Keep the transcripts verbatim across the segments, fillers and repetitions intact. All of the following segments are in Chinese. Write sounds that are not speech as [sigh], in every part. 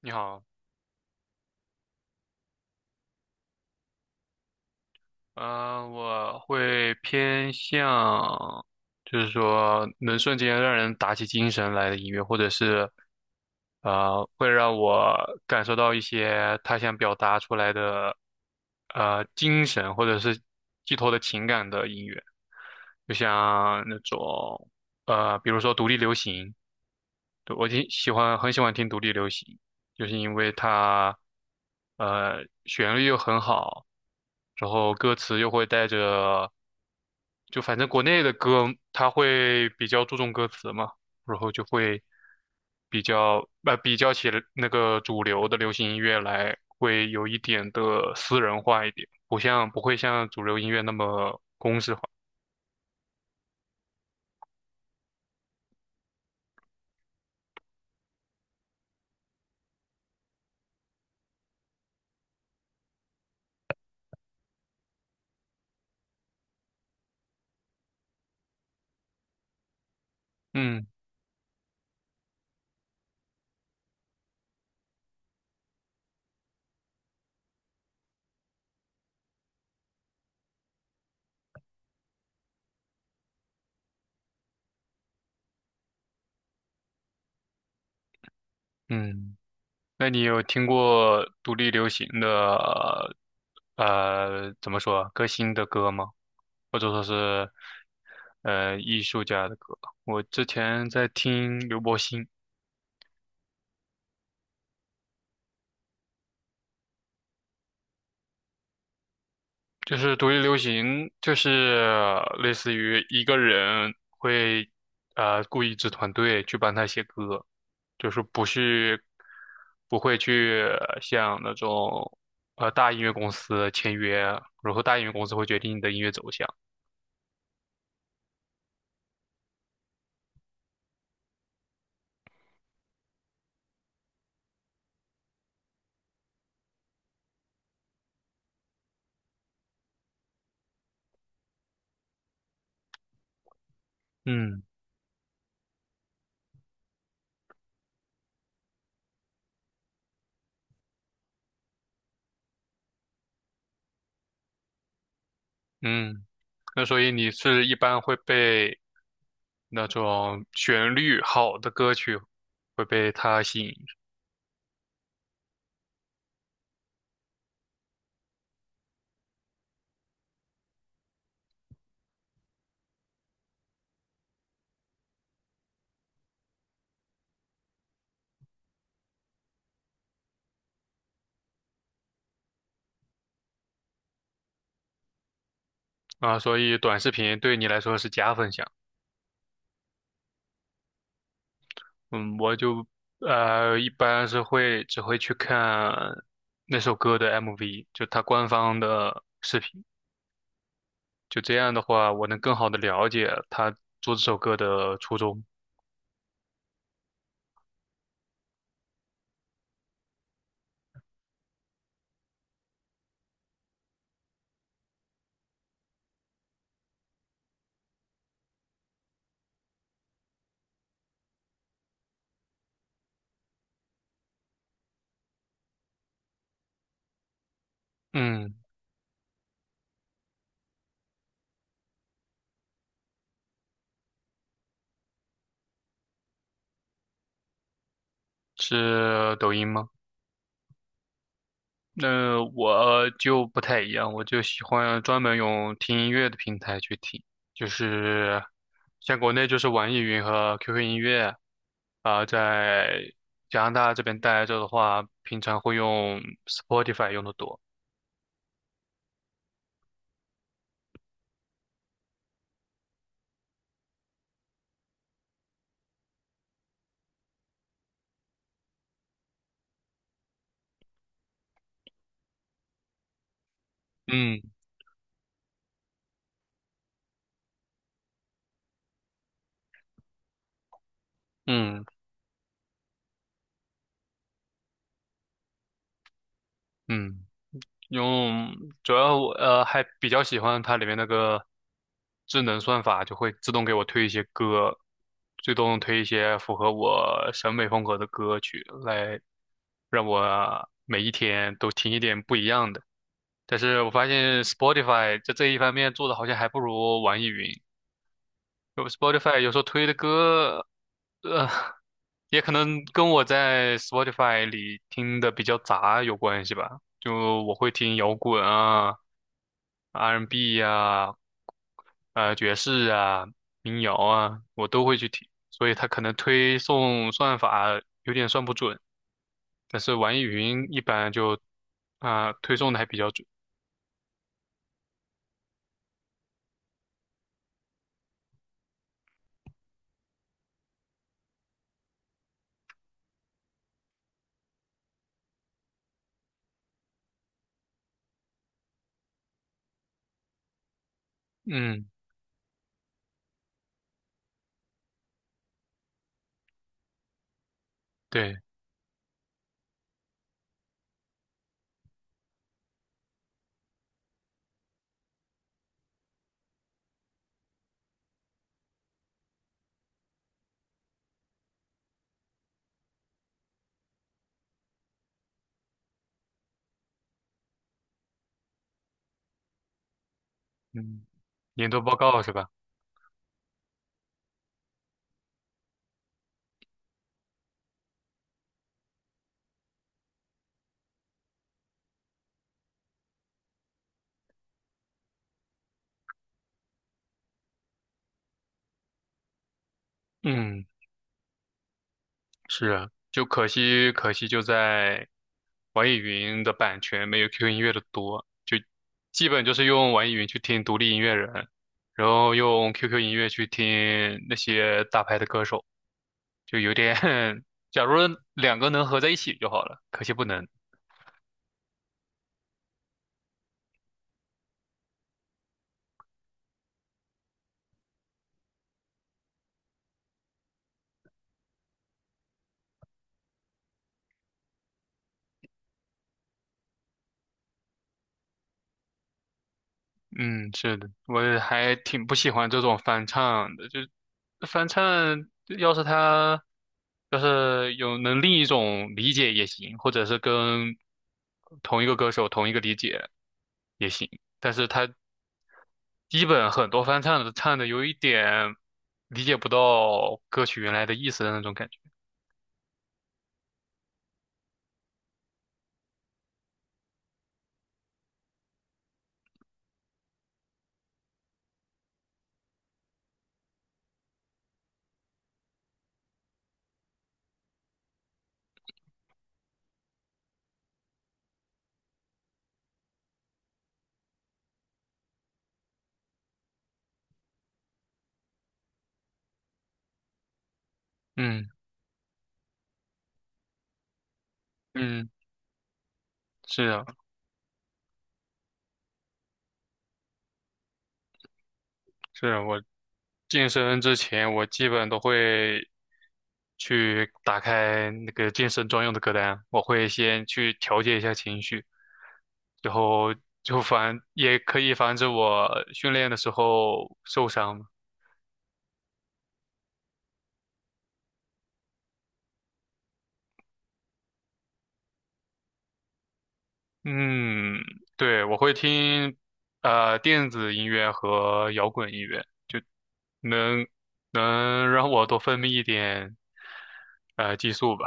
你好，嗯、我会偏向，就是说能瞬间让人打起精神来的音乐，或者是，呃，会让我感受到一些他想表达出来的，呃，精神或者是寄托的情感的音乐，就像那种，呃，比如说独立流行。对，我挺喜欢，很喜欢听独立流行，就是因为它，呃，旋律又很好，然后歌词又会带着，就反正国内的歌，它会比较注重歌词嘛，然后就会比较，呃，比较起那个主流的流行音乐来，会有一点的私人化一点，不像，不会像主流音乐那么。嗯嗯。那你有听过独立流行的呃怎么说歌星的歌吗？或者说是呃艺术家的歌？我之前在听刘柏辛。就是独立流行，就是类似于一个人会呃雇一支团队去帮他写歌，就是不是不会去像那种呃大音乐公司签约，然后大音乐公司会决定你的音乐走向。嗯。嗯，那所以你是一般会被那种旋律好的歌曲会被它吸引。啊，所以短视频对你来说是加分项。嗯，我就呃一般是会只会去看那首歌的 M V，就它官方的视频，就这样的话，我能更好的了解他做这首歌的初衷。嗯，是抖音吗？那我就不太一样，我就喜欢专门用听音乐的平台去听，就是像国内就是网易云和 Q Q 音乐，啊、在加拿大这边待着的话，平常会用 Spotify 用的多。嗯嗯嗯。用，主要我呃还比较喜欢它里面那个智能算法，就会自动给我推一些歌，自动推一些符合我审美风格的歌曲，来让我每一天都听一点不一样的。但是我发现 Spotify 在这一方面做的好像还不如网易云。就 Spotify 有时候推的歌，呃，也可能跟我在 Spotify 里听的比较杂有关系吧。就我会听摇滚啊。R and B n 呀、呃爵士啊、民谣啊，我都会去听，所以它可能推送算法有点算不准，但是网易云一般就啊、推送的还比较准。嗯，对，嗯，年度报告是吧？嗯。是啊，就可惜，可惜就在网易云的版权没有 Q Q 音乐的多，就基本就是用网易云去听独立音乐人，然后用 Q Q 音乐去听那些大牌的歌手，就有点，[laughs] 假如两个能合在一起就好了，可惜不能。嗯，是的，我也还挺不喜欢这种翻唱的，就翻唱，要是他要是有能另一种理解也行，或者是跟同一个歌手同一个理解也行，但是他基本很多翻唱的唱的有一点理解不到歌曲原来的意思的那种感觉。嗯嗯，是啊，是啊，我健身之前，我基本都会去打开那个健身专用的歌单，我会先去调节一下情绪，然后就防，也可以防止我训练的时候受伤嘛。嗯，对，我会听呃电子音乐和摇滚音乐，能能让我多分泌一点呃激素吧。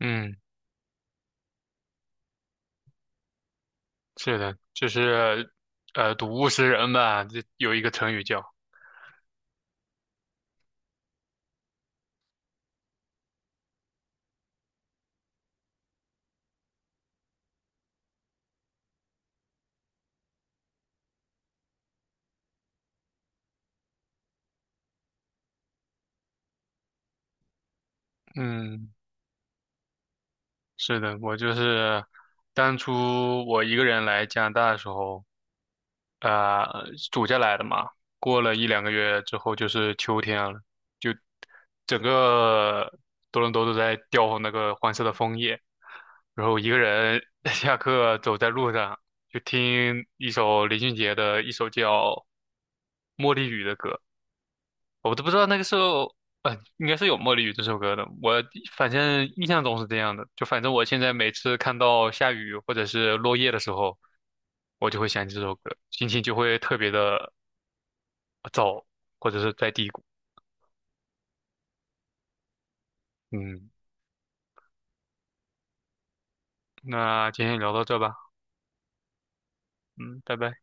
嗯。是的，就是呃，睹物思人吧，这有一个成语叫。嗯，是的，我就是当初我一个人来加拿大的时候，呃，暑假来的嘛，过了一两个月之后就是秋天了，就整个多伦多都在掉那个黄色的枫叶，然后一个人 [laughs] 下课走在路上，就听一首林俊杰的一首叫《茉莉雨》的歌。我都不知道那个时候，呃，应该是有《茉莉雨》这首歌的。我反正印象中是这样的，就反正我现在每次看到下雨或者是落叶的时候，我就会想起这首歌，心情就会特别的糟，或者是在低谷。嗯，那今天聊到这吧，嗯，拜拜。